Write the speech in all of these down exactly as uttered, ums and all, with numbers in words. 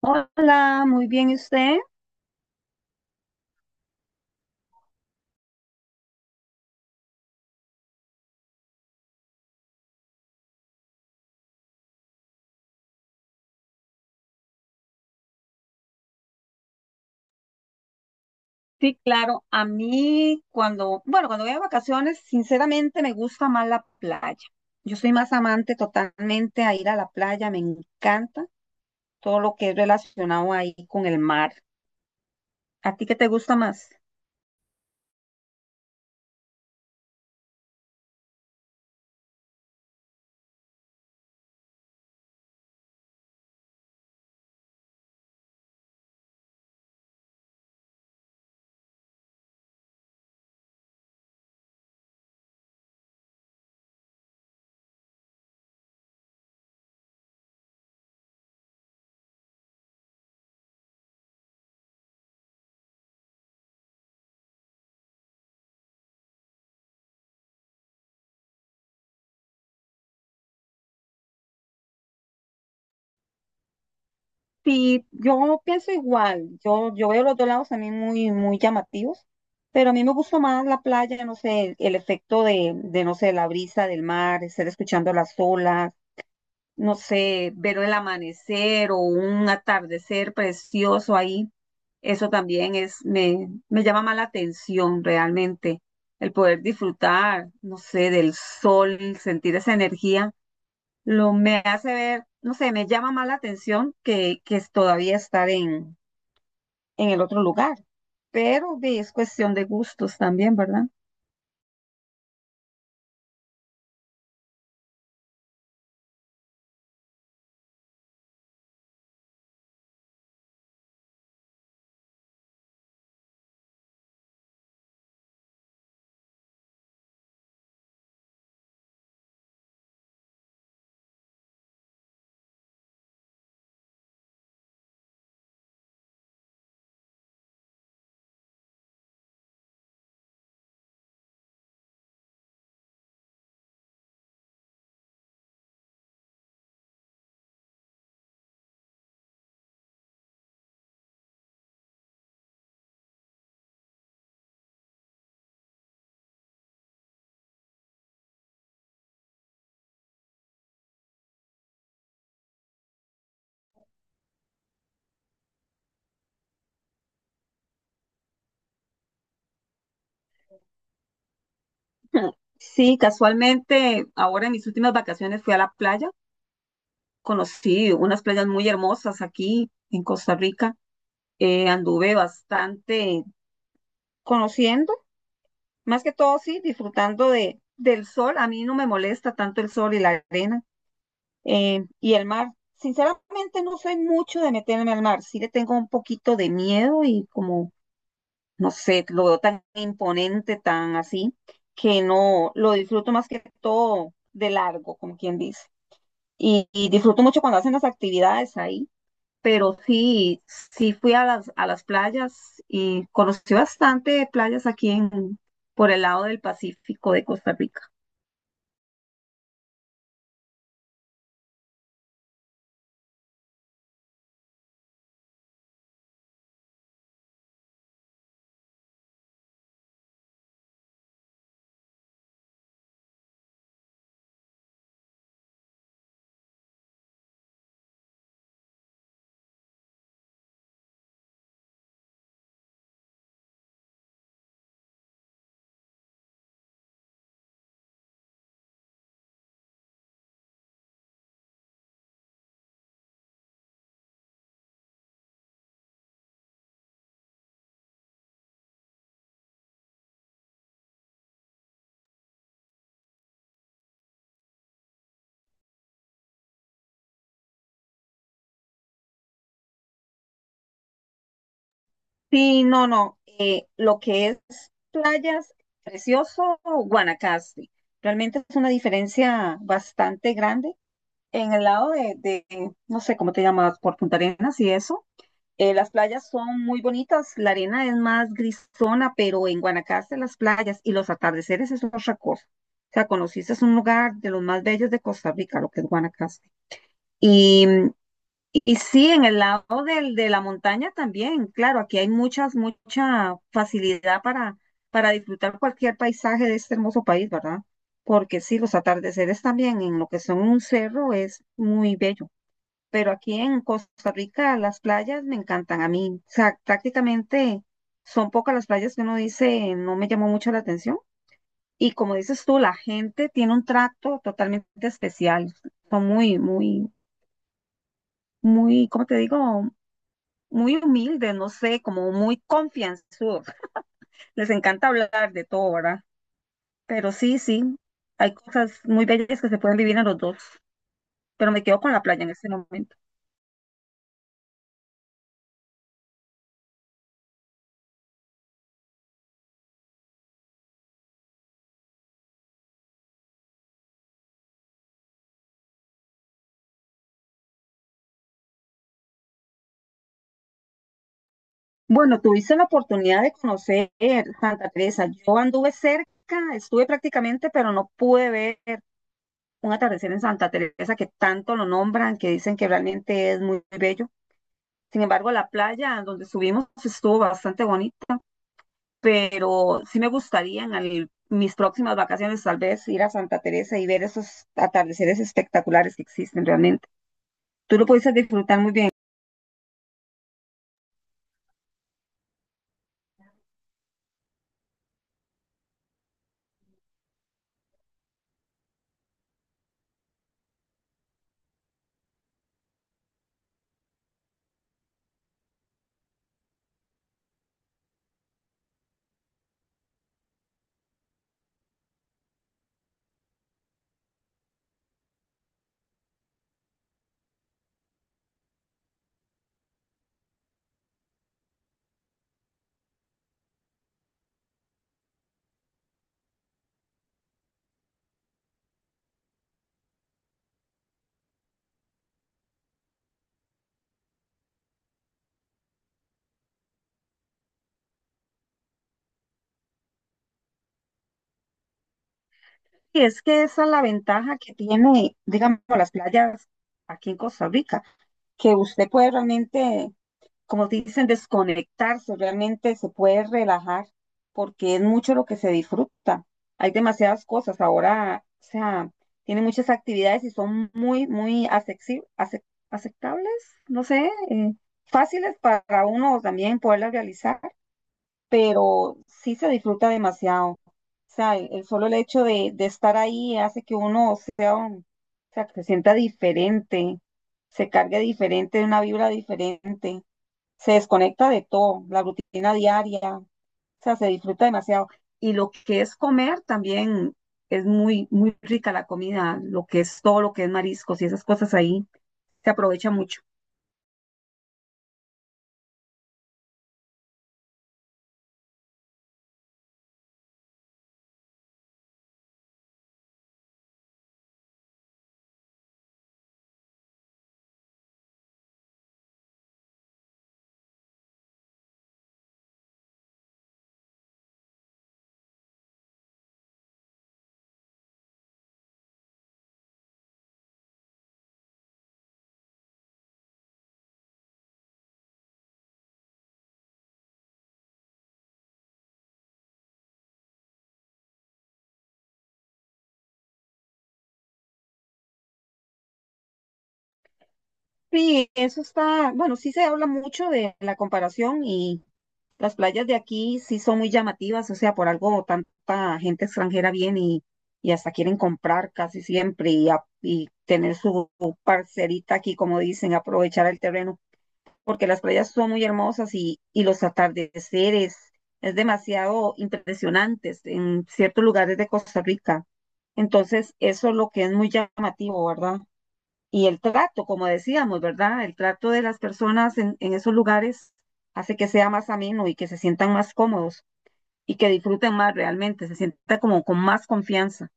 Hola, muy bien, ¿y usted? Sí, claro, a mí cuando, bueno, cuando voy a vacaciones, sinceramente me gusta más la playa. Yo soy más amante totalmente a ir a la playa, me encanta todo lo que es relacionado ahí con el mar. ¿A ti qué te gusta más? Sí, yo pienso igual, yo, yo veo los dos lados también muy, muy llamativos, pero a mí me gusta más la playa, no sé, el, el efecto de, de, no sé, la brisa del mar, estar escuchando las olas. No sé, ver el amanecer o un atardecer precioso ahí, eso también es, me, me llama más la atención realmente. El poder disfrutar, no sé, del sol, sentir esa energía, lo me hace ver, no sé, me llama más la atención que, que es todavía estar en, en el otro lugar. Pero de- es cuestión de gustos también, ¿verdad? Sí, casualmente, ahora en mis últimas vacaciones fui a la playa, conocí unas playas muy hermosas aquí en Costa Rica. Eh, anduve bastante conociendo, más que todo sí, disfrutando de, del sol. A mí no me molesta tanto el sol y la arena eh, y el mar. Sinceramente no soy mucho de meterme al mar, sí le tengo un poquito de miedo y como, no sé, lo veo tan imponente, tan así, que no lo disfruto más que todo de largo, como quien dice. Y, y disfruto mucho cuando hacen las actividades ahí, pero sí, sí fui a las, a las playas y conocí bastante playas aquí en, por el lado del Pacífico de Costa Rica. Sí, no, no, eh, lo que es playas, precioso Guanacaste. Realmente es una diferencia bastante grande. En el lado de, de no sé cómo te llamas, por Punta Arenas y eso. Eh, las playas son muy bonitas, la arena es más grisona, pero en Guanacaste las playas y los atardeceres es otra cosa. O sea, conociste es un lugar de los más bellos de Costa Rica, lo que es Guanacaste. Y, y sí, en el lado del, de la montaña también, claro, aquí hay muchas, mucha facilidad para, para disfrutar cualquier paisaje de este hermoso país, ¿verdad? Porque sí, los atardeceres también en lo que son un cerro es muy bello, pero aquí en Costa Rica las playas me encantan a mí. O sea, prácticamente son pocas las playas que uno dice no me llamó mucho la atención. Y como dices tú, la gente tiene un trato totalmente especial. Son muy, muy, muy, ¿cómo te digo? Muy humildes, no sé, como muy confianzudos. Les encanta hablar de todo, ¿verdad? Pero sí, sí, hay cosas muy bellas que se pueden vivir en los dos. Pero me quedo con la playa en este momento. Bueno, tuviste la oportunidad de conocer Santa Teresa. Yo anduve cerca, estuve prácticamente, pero no pude ver un atardecer en Santa Teresa, que tanto lo nombran, que dicen que realmente es muy bello. Sin embargo, la playa donde subimos estuvo bastante bonita, pero sí me gustaría en al- mis próximas vacaciones tal vez ir a Santa Teresa y ver esos atardeceres espectaculares que existen realmente. Tú lo pudiste disfrutar muy bien. Y es que esa es la ventaja que tiene, digamos, las playas aquí en Costa Rica, que usted puede realmente, como dicen, desconectarse, realmente se puede relajar, porque es mucho lo que se disfruta. Hay demasiadas cosas ahora, o sea, tiene muchas actividades y son muy, muy asexi- ace- aceptables, no sé, eh, fáciles para uno también poderlas realizar, pero sí se disfruta demasiado. O sea, el, el solo el hecho de, de estar ahí hace que uno sea un, o sea, que se sienta diferente, se cargue diferente, una vibra diferente, se desconecta de todo, la rutina diaria, o sea, se disfruta demasiado. Y lo que es comer también es muy, muy rica la comida, lo que es todo, lo que es mariscos y esas cosas ahí, se aprovecha mucho. Sí, eso está, bueno, sí se habla mucho de la comparación y las playas de aquí sí son muy llamativas, o sea, por algo tanta gente extranjera viene y, y hasta quieren comprar casi siempre y, a- y tener su parcerita aquí, como dicen, aprovechar el terreno, porque las playas son muy hermosas y, y los atardeceres es demasiado impresionantes en ciertos lugares de Costa Rica. Entonces, eso es lo que es muy llamativo, ¿verdad? Y el trato, como decíamos, ¿verdad? El trato de las personas en, en esos lugares hace que sea más ameno y que se sientan más cómodos y que disfruten más realmente, se sienta como con más confianza.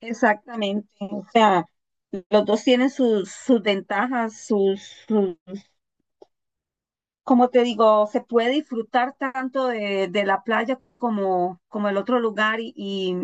Exactamente, o sea, los dos tienen sus, sus ventajas, sus, sus- como te digo, se puede disfrutar tanto de, de la playa como, como el otro lugar y, y,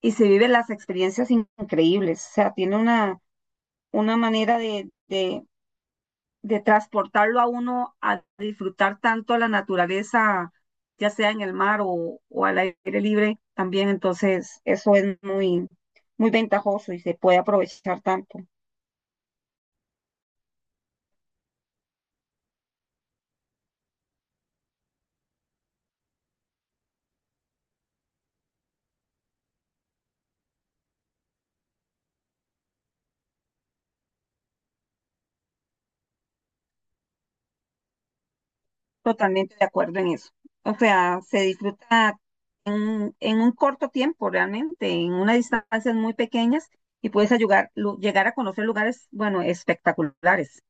y se viven las experiencias increíbles, o sea, tiene una, una manera de, de, de transportarlo a uno a disfrutar tanto la naturaleza, ya sea en el mar o, o al aire libre también, entonces eso es muy, muy ventajoso y se puede aprovechar tanto. Totalmente de acuerdo en eso. O sea, se disfruta en, en un corto tiempo realmente, en unas distancias muy pequeñas y puedes ayudar, lu- llegar a conocer lugares, bueno, espectaculares.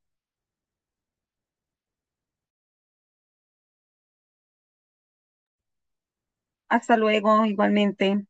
Hasta luego, igualmente.